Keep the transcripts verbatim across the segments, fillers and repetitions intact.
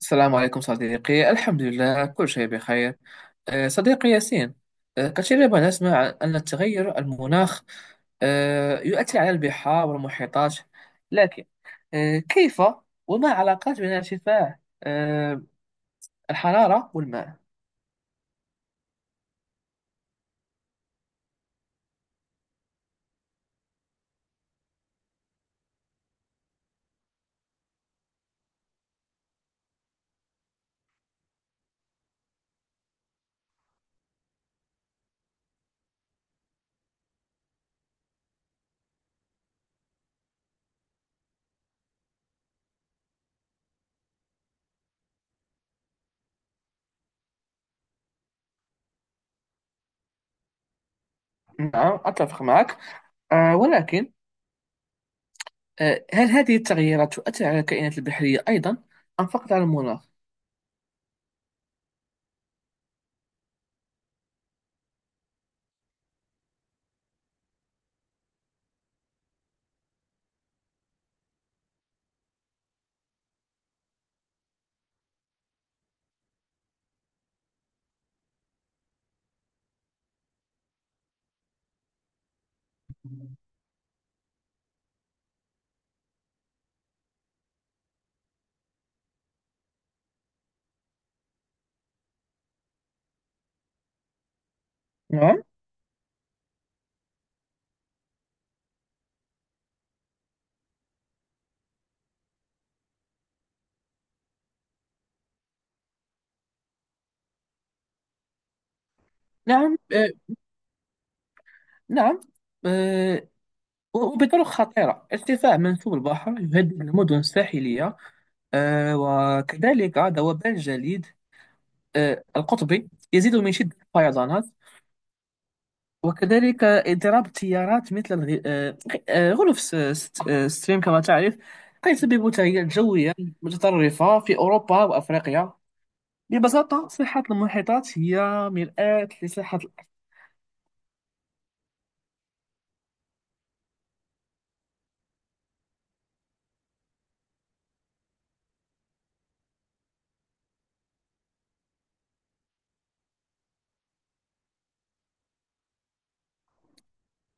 السلام عليكم صديقي. الحمد لله، كل شيء بخير. أه، صديقي ياسين، أه، كثيرا ما نسمع أن التغير المناخ أه، يؤثر على البحار والمحيطات، لكن أه، كيف؟ وما علاقات بين ارتفاع أه، الحرارة والماء؟ نعم، أتفق معك. أه، ولكن أه، هل هذه التغييرات تؤثر على الكائنات البحرية أيضا، أم فقط على المناخ؟ نعم، نعم، أه، نعم أه، وبطرق خطيرة. ارتفاع منسوب البحر يهدد المدن الساحلية، آه، وكذلك ذوبان الجليد آه، القطبي يزيد من شدة الفيضانات، وكذلك اضطراب التيارات مثل الغ- آه، آه، غلاف س- س- آه، ستريم كما تعرف. قد يسبب تغييرات جوية متطرفة في أوروبا وأفريقيا. ببساطة، صحة المحيطات هي مرآة لصحة الأرض.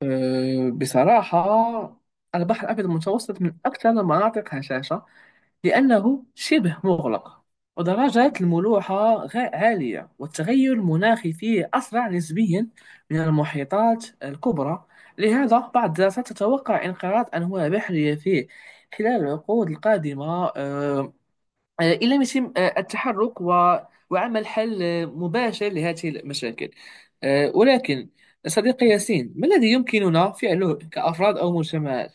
آه، بصراحة، البحر الأبيض المتوسط من أكثر المناطق هشاشة، لأنه شبه مغلق، ودرجات الملوحة غا- عالية، والتغير المناخي فيه أسرع نسبيا من المحيطات الكبرى. لهذا بعض الدراسات تتوقع انقراض أنواع بحرية فيه خلال العقود القادمة، آه، آه، إن لم يتم آه، التحرك و- وعمل حل آه، مباشر لهذه المشاكل. آه، ولكن صديقي ياسين، ما الذي يمكننا فعله كأفراد أو مجتمعات؟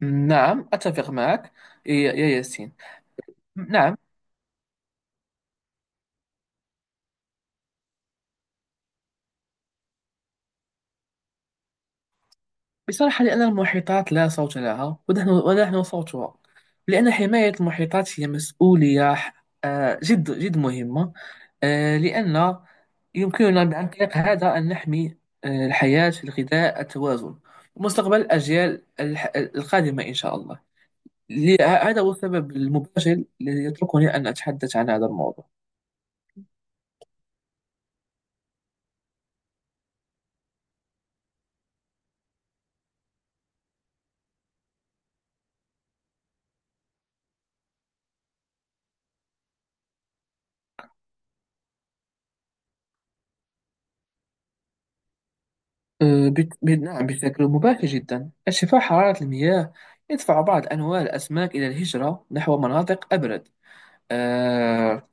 نعم، أتفق معك. يا يا ياسين، نعم. بصراحة، لأن المحيطات لا صوت لها، ونحن ونحن صوتها. لأن حماية المحيطات هي مسؤولية آه، جد جد مهمة. آه، لأن يمكننا عن طريق هذا أن نحمي آه، الحياة، الغذاء، التوازن، ومستقبل الأجيال الح- القادمة إن شاء الله. ل- هذا هو السبب المباشر الذي يتركني أن أتحدث عن هذا الموضوع. آه، بت- ب- نعم، بشكل مباشر جدا. ارتفاع حرارة المياه يدفع بعض أنواع الأسماك إلى الهجرة نحو مناطق أبرد. آه،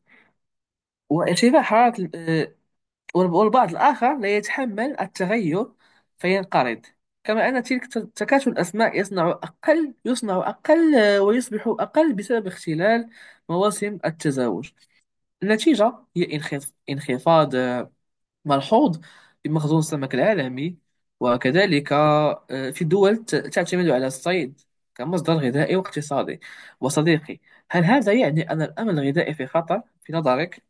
وارتفاع حرارة ال- آه، والب- والبعض الآخر لا يتحمل التغير فينقرض. كما أن تلك الت- تكاتل الأسماك يصنع أقل يصنع أقل، آه، ويصبح أقل بسبب اختلال مواسم التزاوج. النتيجة هي انخف- انخفاض آه، ملحوظ في مخزون السمك العالمي، وكذلك آه، في دول ت- تعتمد على الصيد كمصدر غذائي واقتصادي. وصديقي، هل هذا يعني أن الأمن الغذائي في خطر في نظرك؟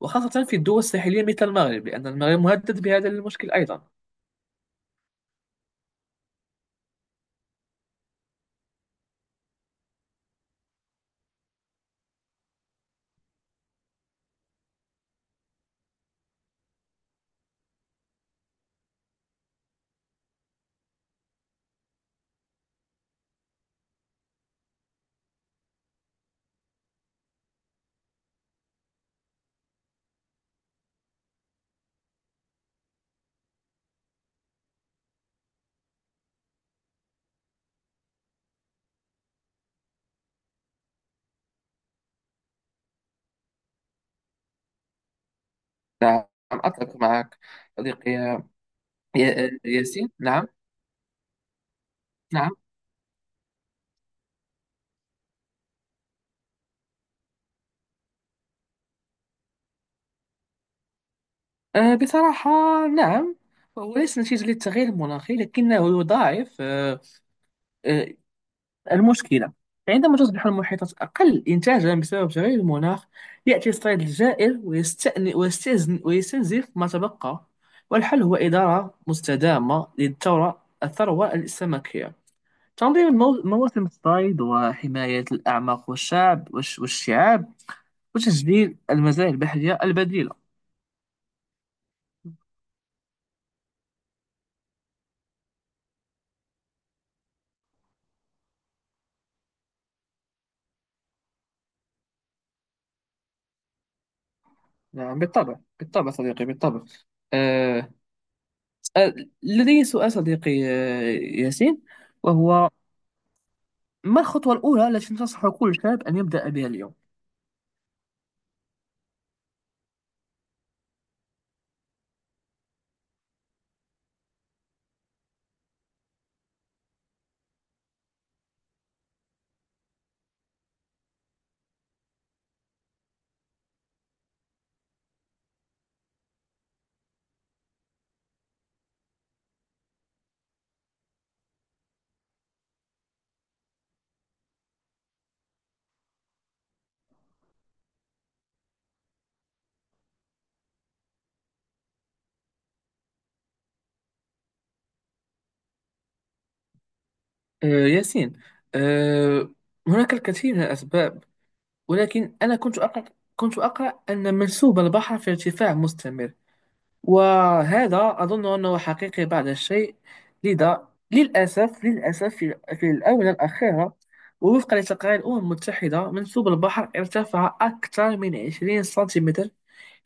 وخاصة في الدول الساحلية مثل المغرب، لأن المغرب مهدد بهذا المشكل أيضا. نعم، أتفق معك. صديقي يا يا- ياسين، نعم. نعم، آه، بصراحة، نعم. هو ليس نتيجة للتغيير المناخي، لكنه يضاعف آه، آه، المشكلة. عندما تصبح المحيطات أقل إنتاجا بسبب تغير المناخ، يأتي الصيد الجائر ويستأن- ويستزن- ويستنزف ما تبقى. والحل هو إدارة مستدامة للثروة الثروة السمكية، تنظيم المو- مواسم الصيد، وحماية الأعماق والشعب والش- والشعاب، وتسجيل المزايا البحرية البديلة. نعم، بالطبع، بالطبع صديقي، بالطبع. آه آه، لدي سؤال صديقي، آه، ياسين. وهو، ما الخطوة الأولى التي تنصح كل شاب أن يبدأ بها اليوم؟ آه ياسين، آه هناك الكثير من الأسباب، ولكن أنا كنت أقرأ كنت أقرأ أن منسوب البحر في ارتفاع مستمر، وهذا أظن أنه حقيقي بعض الشيء. لذا للأسف، للأسف في في الآونة الأخيرة، ووفقا لتقارير الأمم المتحدة، منسوب البحر ارتفع أكثر من عشرين سنتيمتر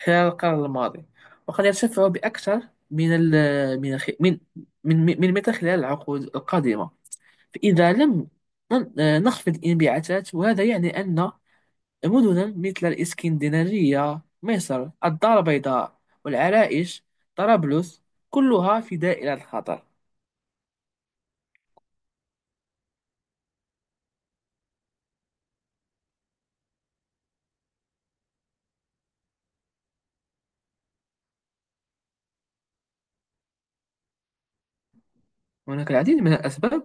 خلال القرن الماضي، وقد يرتفع بأكثر من ال من الخ- من من من متر خلال العقود القادمة، فإذا لم نن- نخفض الانبعاثات. وهذا يعني أن مدنا مثل الإسكندنارية، مصر، الدار البيضاء، والعرائش، طرابلس، كلها في دائرة الخطر. هناك العديد من الأسباب،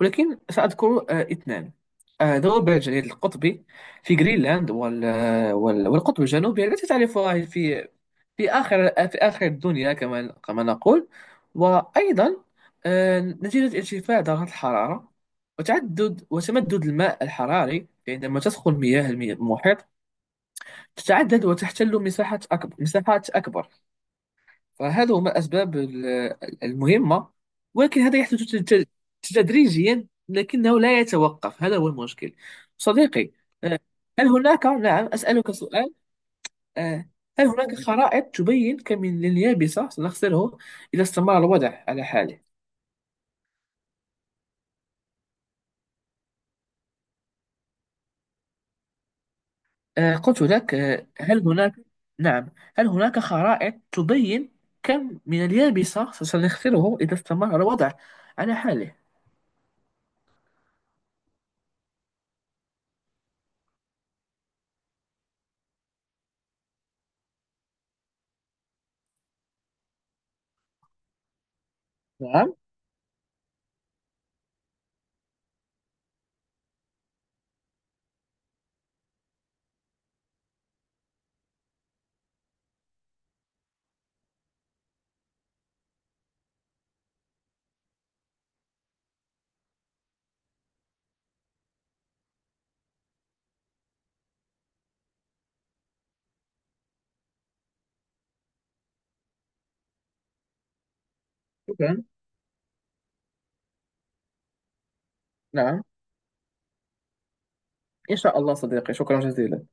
ولكن سأذكر آه، اثنان. آه، ذوب الجليد القطبي في جرينلاند وال... آه، وال... والقطب الجنوبي التي تعرفها في في آخر في آخر الدنيا كما كما نقول. وأيضا آه، نتيجة ارتفاع درجات الحرارة، وتعدد وتمدد الماء الحراري. عندما تسخن مياه المحيط تتعدد وتحتل مساحات أكبر، مساحات أكبر. فهذا هما الأسباب ال- المهمة. ولكن هذا يحدث تد- تدريجيا، لكنه لا يتوقف. هذا هو المشكل. صديقي، آه، هل هناك نعم، أسألك سؤال. آه، هل هناك خرائط تبين كم من اليابسة سنخسره إذا استمر الوضع على حاله؟ آه، قلت لك، آه، هل هناك، نعم، هل هناك خرائط تبين كم من اليابسة سنخسره إذا استمر الوضع على حاله؟ نعم، شكرا. نعم، إن شاء الله صديقي، شكرا جزيلا.